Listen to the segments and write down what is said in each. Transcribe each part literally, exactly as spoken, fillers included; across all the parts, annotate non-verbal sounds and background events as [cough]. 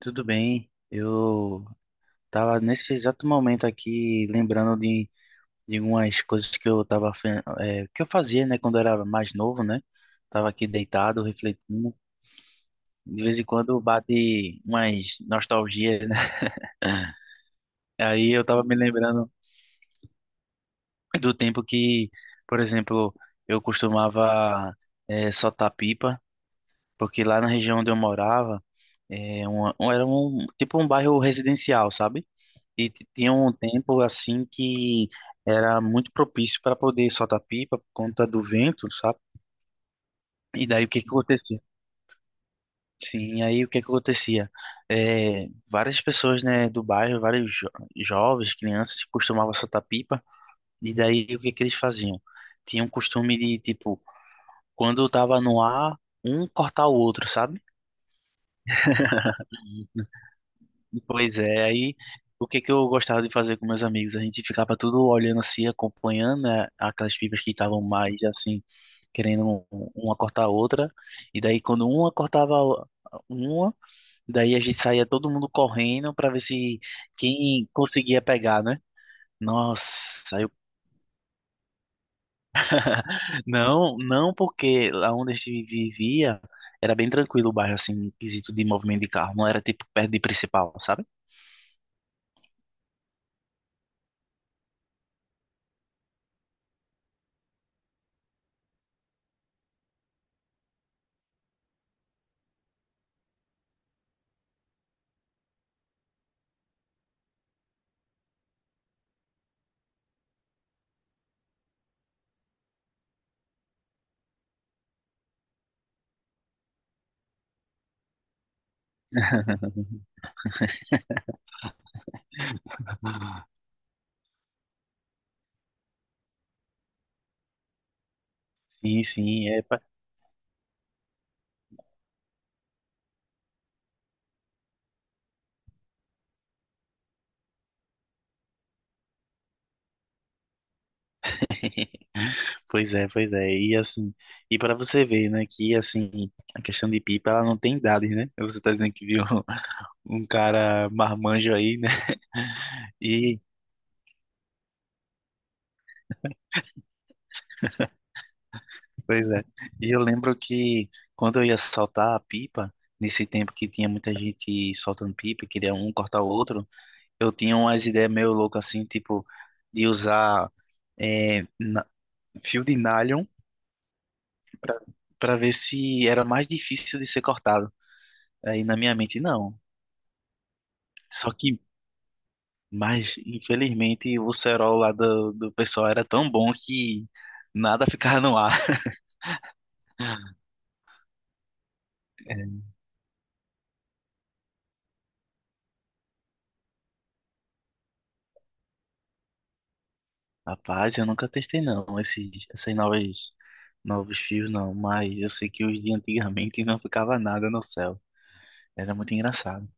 Tudo bem, eu tava nesse exato momento aqui lembrando de, de umas coisas que eu tava, fe- eh, que eu fazia, né, quando eu era mais novo, né? Tava aqui deitado, refletindo. De vez em quando bate umas nostalgias, né? [laughs] Aí eu tava me lembrando do tempo que, por exemplo, eu costumava eh, soltar pipa, porque lá na região onde eu morava, eh, um, um- era um tipo um bairro residencial, sabe? E t- tinha um tempo assim que era muito propício para poder soltar pipa por conta do vento, sabe? E daí o que que acontecia? Sim, aí o que que acontecia? É, várias pessoas, né, do bairro, vários jo- jovens, crianças, costumavam soltar pipa. E daí o que que eles faziam? Tinha um costume de, tipo, quando tava no ar, um cortar o outro, sabe? Pois é, aí o que que eu gostava de fazer com meus amigos? A gente ficava tudo olhando assim, acompanhando, né, aquelas pipas que estavam mais assim, querendo um- uma cortar a outra. E daí quando uma cortava a o- uma, daí a gente saía todo mundo correndo para ver se quem conseguia pegar, né? Nossa, não, não porque lá onde a gente vivia era bem tranquilo o bairro, assim, em quesito de movimento de carro. Não era tipo perto de principal, sabe? Sim, sim, é. pa- [laughs] Pois é, pois é. E assim, e para você ver, né, que assim, a questão de pipa, ela não tem idade, né? Você tá dizendo que viu [laughs] um cara marmanjo aí, né? [laughs] E pois é. E eu lembro que quando eu ia soltar a pipa, nesse tempo que tinha muita gente soltando pipa, e queria um cortar o outro, eu tinha umas ideias meio loucas assim, tipo, de usar eh, na- fio de nylon para para ver se era mais difícil de ser cortado. Aí na minha mente, não. Só que, mas infelizmente o cerol lá do, do pessoal era tão bom que nada [laughs] ficava no ar. [laughs] Rapaz, eu nunca testei não, esses, essas novas novos fios não, mas eu sei que os de antigamente [laughs] não ficava nada no céu. Era muito engraçado.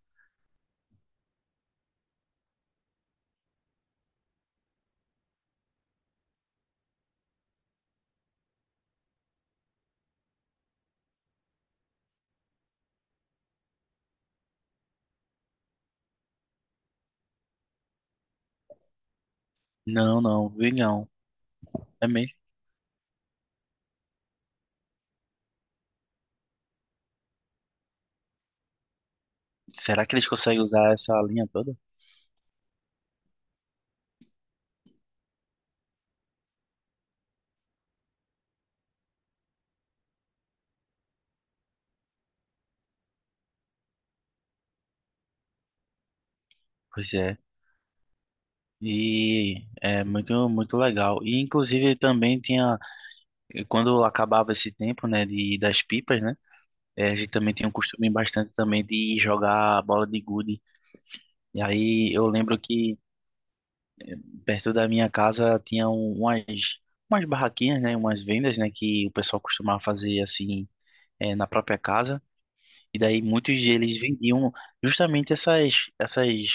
Não, não, vi não. É mesmo. Será que eles conseguem usar essa linha toda? Pois é. E é muito, muito legal. E inclusive também tinha, quando acabava esse tempo, né, de, das pipas, né? eh, a gente também tinha um costume bastante também de jogar bola de gude. E aí eu lembro que eh, perto da minha casa tinha um- umas umas barraquinhas, né, umas vendas, né, que o pessoal costumava fazer assim eh, na própria casa. E daí muitos deles vendiam justamente essas, essas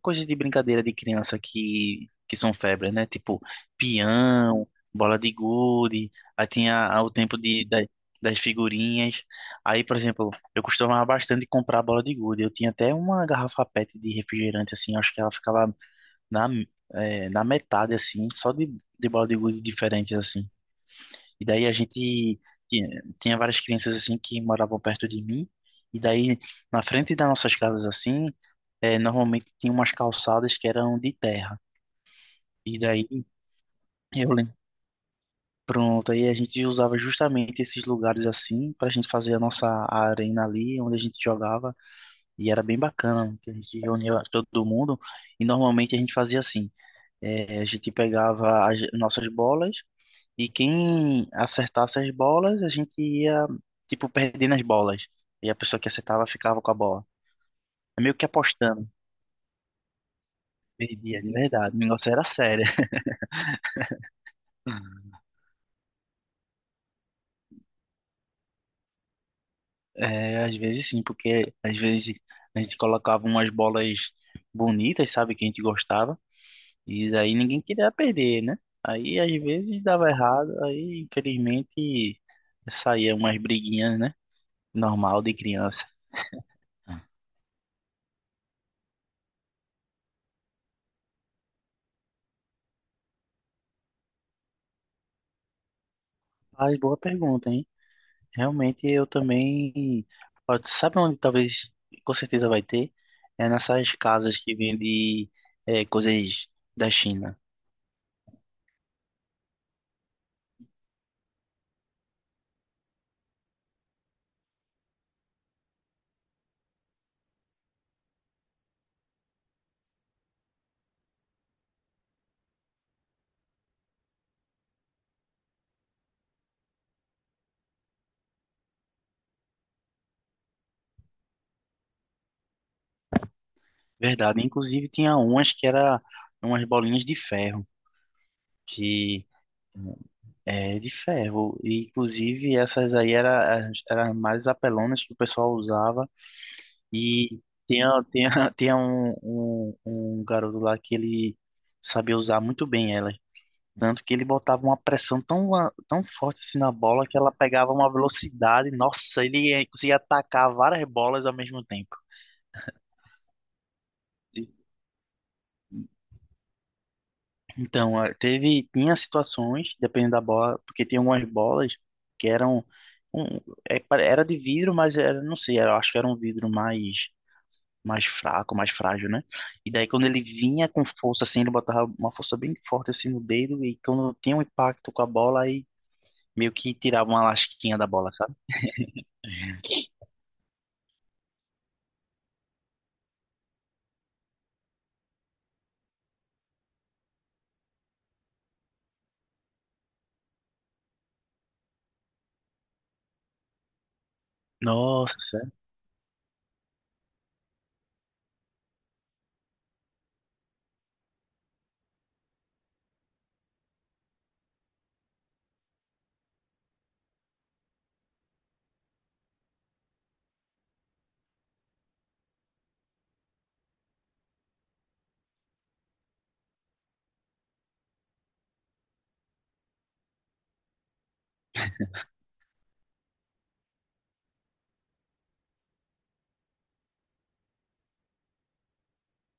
coisas de brincadeira de criança que, que são febre, né? Tipo pião, bola de gude, aí tinha ah, o tempo de, da- das figurinhas. Aí, por exemplo, eu costumava bastante comprar bola de gude. Eu tinha até uma garrafa PET de refrigerante, assim, acho que ela ficava na, eh, na metade, assim, só de, de bola de gude diferentes, assim. E daí a gente tinha, tinha várias crianças assim que moravam perto de mim. E daí na frente das nossas casas assim, eh, normalmente tinha umas calçadas que eram de terra. E daí eu lembro. Pronto, aí a gente usava justamente esses lugares assim para a gente fazer a nossa arena ali, onde a gente jogava, e era bem bacana, que a gente reunia todo mundo, e normalmente a gente fazia assim, eh, a gente pegava as nossas bolas. E quem acertasse as bolas, a gente ia, tipo, perdendo as bolas. E a pessoa que acertava ficava com a bola. É meio que apostando. Perdia, de verdade. O negócio era sério. [laughs] É, às vezes sim, porque às vezes a gente colocava umas bolas bonitas, sabe, que a gente gostava, e daí ninguém queria perder, né? Aí às vezes dava errado, aí infelizmente saía umas briguinhas, né? Normal de criança. Mas boa pergunta, hein? Realmente eu também. Ó, sabe onde talvez, com certeza vai ter? É nessas casas que vendem é, coisas da China. Verdade. Inclusive tinha umas que era umas bolinhas de ferro. Que eh, é de ferro. E, inclusive essas aí eram era, as- as mais apelonas que o pessoal usava. E tinha, tinha, [laughs] tinha um, um, um garoto lá que ele sabia usar muito bem elas. Tanto que ele botava uma pressão tão, tão forte assim na bola que ela pegava uma velocidade. Nossa, ele eh, conseguia atacar várias bolas ao mesmo tempo. Então, eh, teve, tinha situações, dependendo da bola, porque tinha algumas bolas que eram, um, é, pare- era de vidro, mas era, não sei, era, acho que era um vidro mais, mais fraco, mais frágil, né? E daí quando ele vinha com força assim, ele botava uma força bem forte assim no dedo e quando tinha um impacto com a bola, aí meio que tirava uma lasquinha da bola, sabe? Nossa,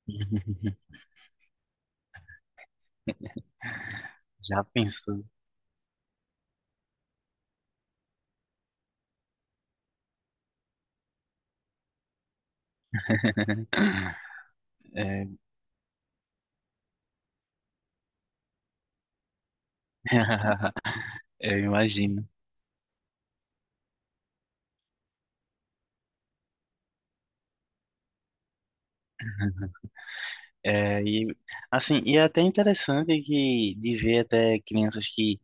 [laughs] já pensou? É, [laughs] eu imagino. É, e, assim, e é até interessante que, de ver até crianças que,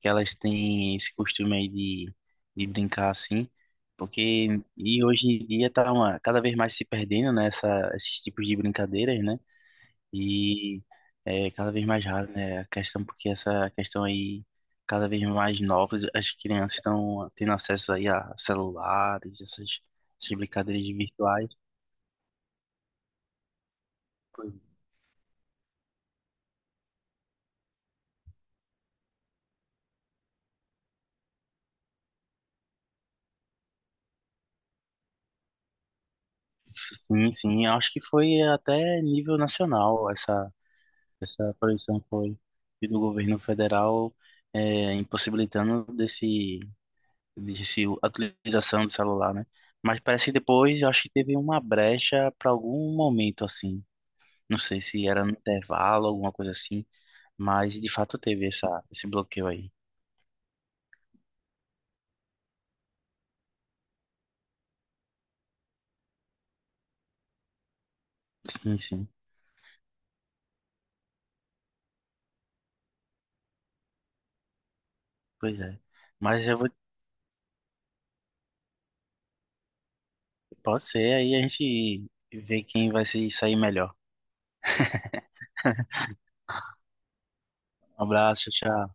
que elas têm esse costume aí de, de brincar assim, porque e hoje em dia tá uma, cada vez mais se perdendo, né, essa- esses tipos de brincadeiras, né? E é cada vez mais raro, né? A questão, porque essa questão aí, cada vez mais novas, as crianças estão tendo acesso aí a celulares, essas, essas brincadeiras virtuais. Pois, sim, sim, acho que foi até nível nacional essa, essa proibição foi do governo federal é, impossibilitando desse, desse, a utilização do celular, né? Mas parece que depois, acho que teve uma brecha para algum momento, assim, não sei se era no intervalo, alguma coisa assim, mas de fato teve essa, esse bloqueio aí. Sim, sim, pois é. Mas eu vou, pode ser, aí a gente vê quem vai se sair melhor. Um abraço, tchau.